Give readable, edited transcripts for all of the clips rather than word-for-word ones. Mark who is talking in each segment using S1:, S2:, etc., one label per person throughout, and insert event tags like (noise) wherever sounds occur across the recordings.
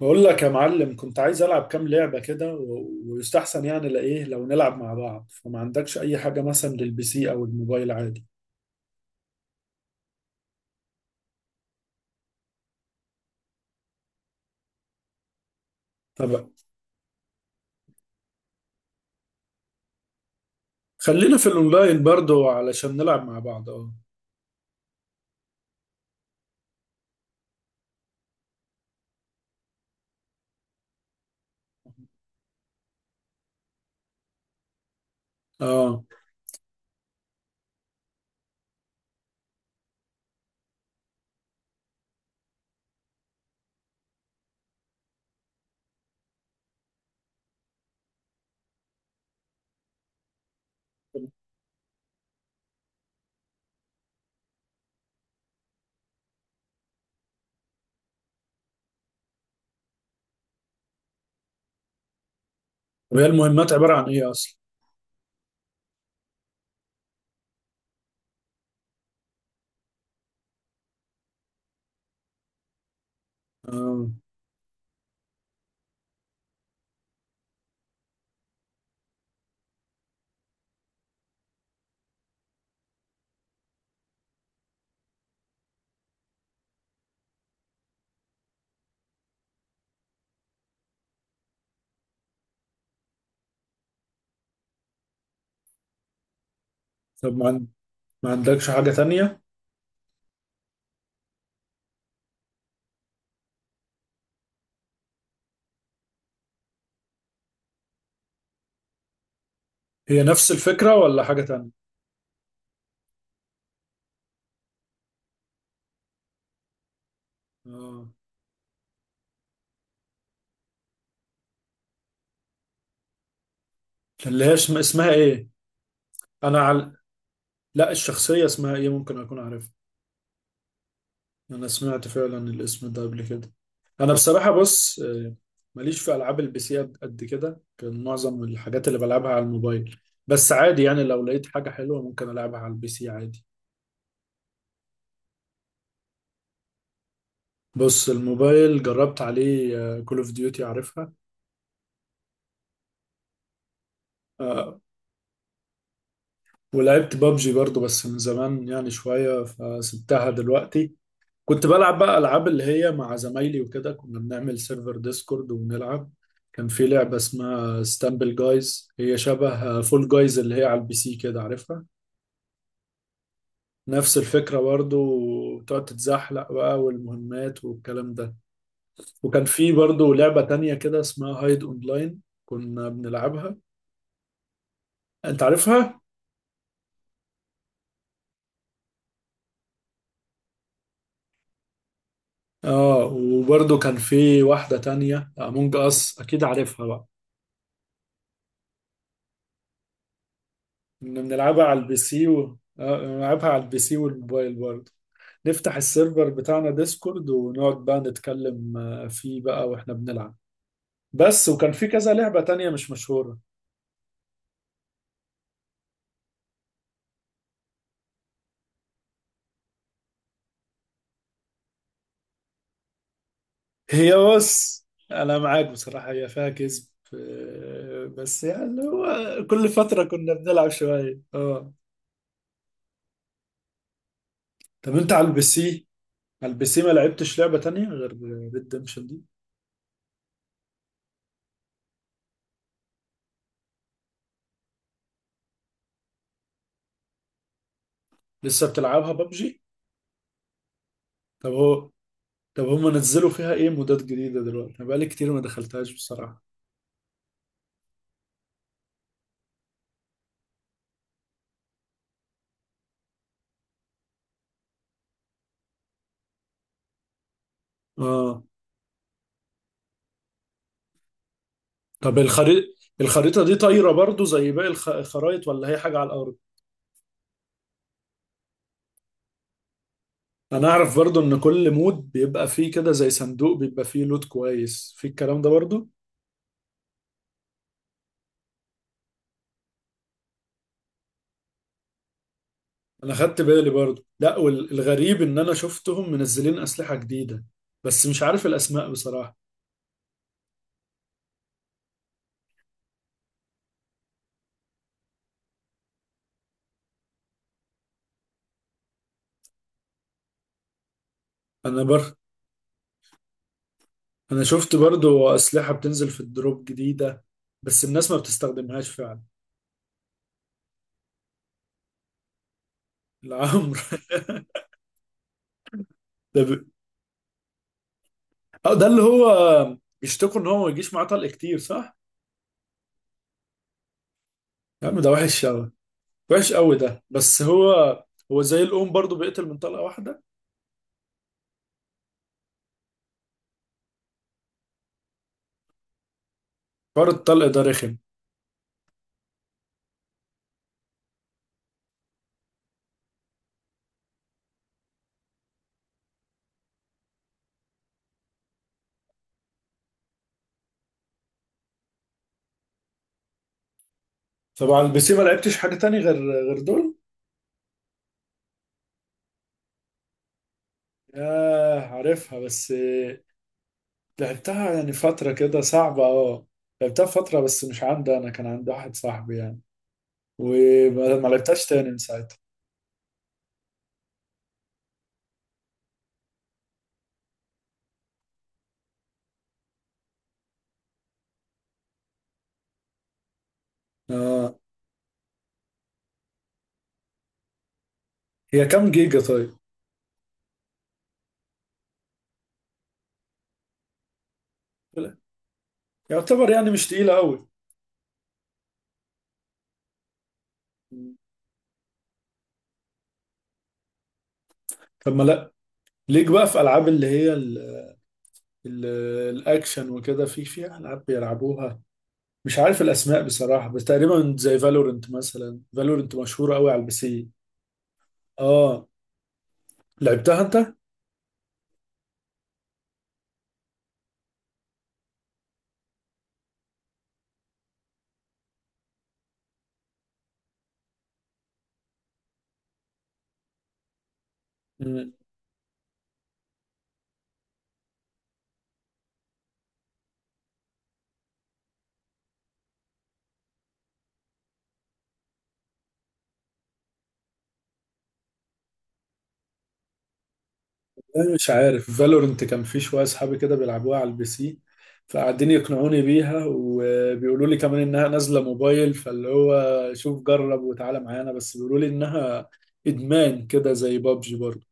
S1: بقول لك يا معلم، كنت عايز العب كام لعبه كده و- ويستحسن يعني لايه لو نلعب مع بعض. فما عندكش اي حاجه مثلا للبي سي او الموبايل؟ عادي. طب خلينا في الاونلاين برضو علشان نلعب مع بعض. اه. اه، طب هي المهمات عباره عن ايه اصلا؟ اه. طب ما عندكش حاجه تانية؟ هي نفس الفكره ولا حاجه تانية؟ اه، اللي هي اسمها ايه؟ انا عل... لا، الشخصيه اسمها ايه؟ ممكن اكون عارفها. انا سمعت فعلا الاسم ده قبل كده. انا بصراحه بص، ماليش في العاب البي سي قد قد كده. كان معظم الحاجات اللي بلعبها على الموبايل. بس عادي يعني، لو لقيت حاجه حلوه ممكن العبها على البي سي عادي. بص، الموبايل جربت عليه كول اوف ديوتي، عارفها؟ آه، ولعبت بابجي برضو، بس من زمان يعني شويه فسبتها دلوقتي. كنت بلعب بقى العاب اللي هي مع زمايلي وكده، كنا بنعمل سيرفر ديسكورد وبنلعب. كان في لعبة اسمها ستامبل جايز، هي شبه فول جايز اللي هي على البي سي كده، عارفها؟ نفس الفكرة برضو. وتقعد تتزحلق بقى، والمهمات والكلام ده. وكان في برضو لعبة تانية كده اسمها هايد اونلاين كنا بنلعبها. انت عارفها؟ اه، وبرضو كان في واحدة تانية، امونج اس، اكيد عارفها بقى. كنا بنلعبها على البي سي و... آه، بنلعبها على البي سي والموبايل برضو. نفتح السيرفر بتاعنا ديسكورد ونقعد بقى نتكلم، فيه بقى واحنا بنلعب. بس، وكان في كذا لعبة تانية مش مشهورة. (laughs) هي بص، انا معاك بصراحة، هي فيها كذب. بس يعني هو كل فترة كنا بنلعب شوية. اه. طب انت على البي سي ما لعبتش لعبة تانية غير ريدمشن دي؟ لسه بتلعبها ببجي؟ طب هو طب هم نزلوا فيها ايه مودات جديدة دلوقتي؟ انا بقالي كتير ما دخلتهاش بصراحة. اه. طب الخريطة دي طايرة برضو زي باقي الخرايط، ولا هي حاجة على الأرض؟ أنا أعرف برضو إن كل مود بيبقى فيه كده زي صندوق بيبقى فيه لود كويس، في الكلام ده برضو؟ أنا خدت بالي برضو. لا، والغريب إن أنا شفتهم منزلين أسلحة جديدة، بس مش عارف الأسماء بصراحة. أنا بر أنا شفت برضو أسلحة بتنزل في الدروب جديدة، بس الناس ما بتستخدمهاش فعلا. العمر. (laughs) ده, ب... ده اللي هو بيشتكوا إن هو ما يجيش معاه طلق كتير، صح؟ يا عم ده وحش أوي، وحش قوي ده. بس هو هو زي الأم برضو بيقتل من طلقة واحدة. حوار الطلق ده رخم. طب على البي سي ما لعبتش حاجة تاني غير دول؟ ياه عارفها، بس لعبتها يعني فترة كده صعبة. اه، لعبتها فترة بس مش عندي، أنا كان عند واحد صاحبي يعني. وما ما لعبتهاش تاني من ساعتها. اه. هي كام جيجا طيب؟ لا، يعتبر يعني مش تقيلة قوي. طب ما لا، ليك بقى في ألعاب اللي هي ال- الأكشن وكده، في ألعاب بيلعبوها، مش عارف الاسماء بصراحه، بس تقريبا زي فالورنت. مثلا فالورنت مشهوره قوي على البي سي. اه، لعبتها انت؟ مم. انا مش عارف، فالورنت كان في شويه اصحابي كده بيلعبوها على البي سي، فقاعدين يقنعوني بيها وبيقولوا لي كمان انها نازله موبايل، فاللي هو شوف جرب وتعالى معانا، بس بيقولوا لي انها ادمان كده زي بابجي برضه.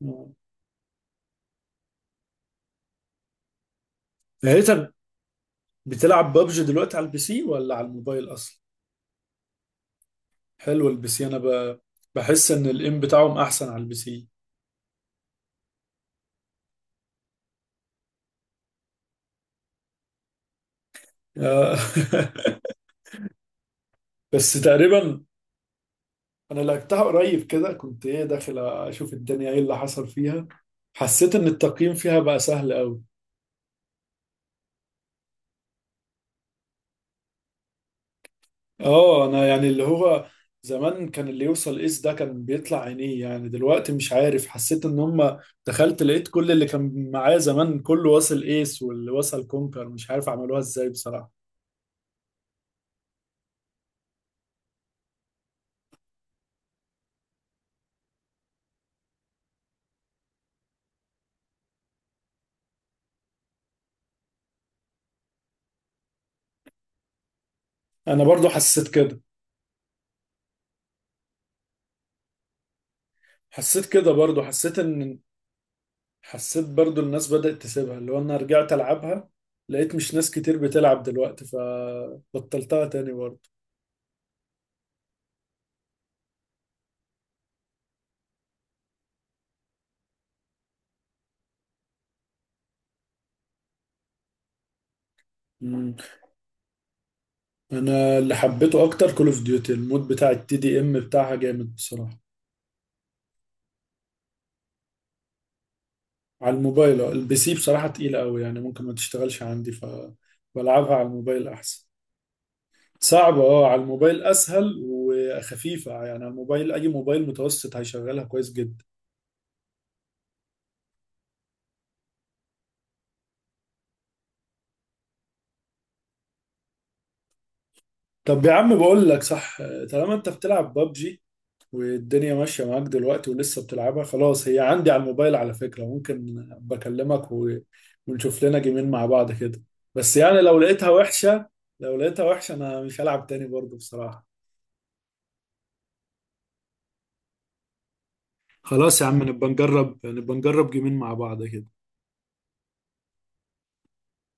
S1: مم. هي طب بتلعب بابجي دلوقتي على البي سي ولا على الموبايل اصلا؟ حلو، البي سي، بحس ان الام بتاعهم احسن على البي سي. آه. (laughs) بس تقريبا، انا لقيتها قريب كده، كنت ايه داخل اشوف الدنيا ايه اللي حصل فيها. حسيت ان التقييم فيها بقى سهل قوي. اه، انا يعني اللي هو زمان كان اللي يوصل اس ده كان بيطلع عينيه يعني، دلوقتي مش عارف. حسيت ان هم، دخلت لقيت كل اللي كان معايا زمان كله واصل ايس واللي واصل كونكر، مش عارف عملوها ازاي بصراحة. انا برضو حسيت كده. حسيت كده برضو، حسيت ان، حسيت برضو الناس بدأت تسيبها. اللي هو انا رجعت العبها لقيت مش ناس كتير بتلعب دلوقتي، فبطلتها تاني برضو. مم. انا اللي حبيته اكتر كول اوف ديوتي، المود بتاع التي دي ام بتاعها جامد بصراحة. على الموبايل. البي سي بصراحة تقيلة قوي يعني، ممكن ما تشتغلش عندي فبلعبها على الموبايل احسن. صعبة اه، على الموبايل اسهل وخفيفة، يعني على الموبايل اي موبايل متوسط هيشغلها كويس جدا. طب يا عم بقول لك صح، طالما انت بتلعب ببجي والدنيا ماشية معاك دلوقتي ولسه بتلعبها، خلاص هي عندي على الموبايل على فكرة، ممكن بكلمك ونشوف لنا جيمين مع بعض كده. بس يعني لو لقيتها وحشة، لو لقيتها وحشة أنا مش هلعب تاني برضه بصراحة. خلاص يا عم، نبقى نجرب، نبقى نجرب جيمين مع بعض كده.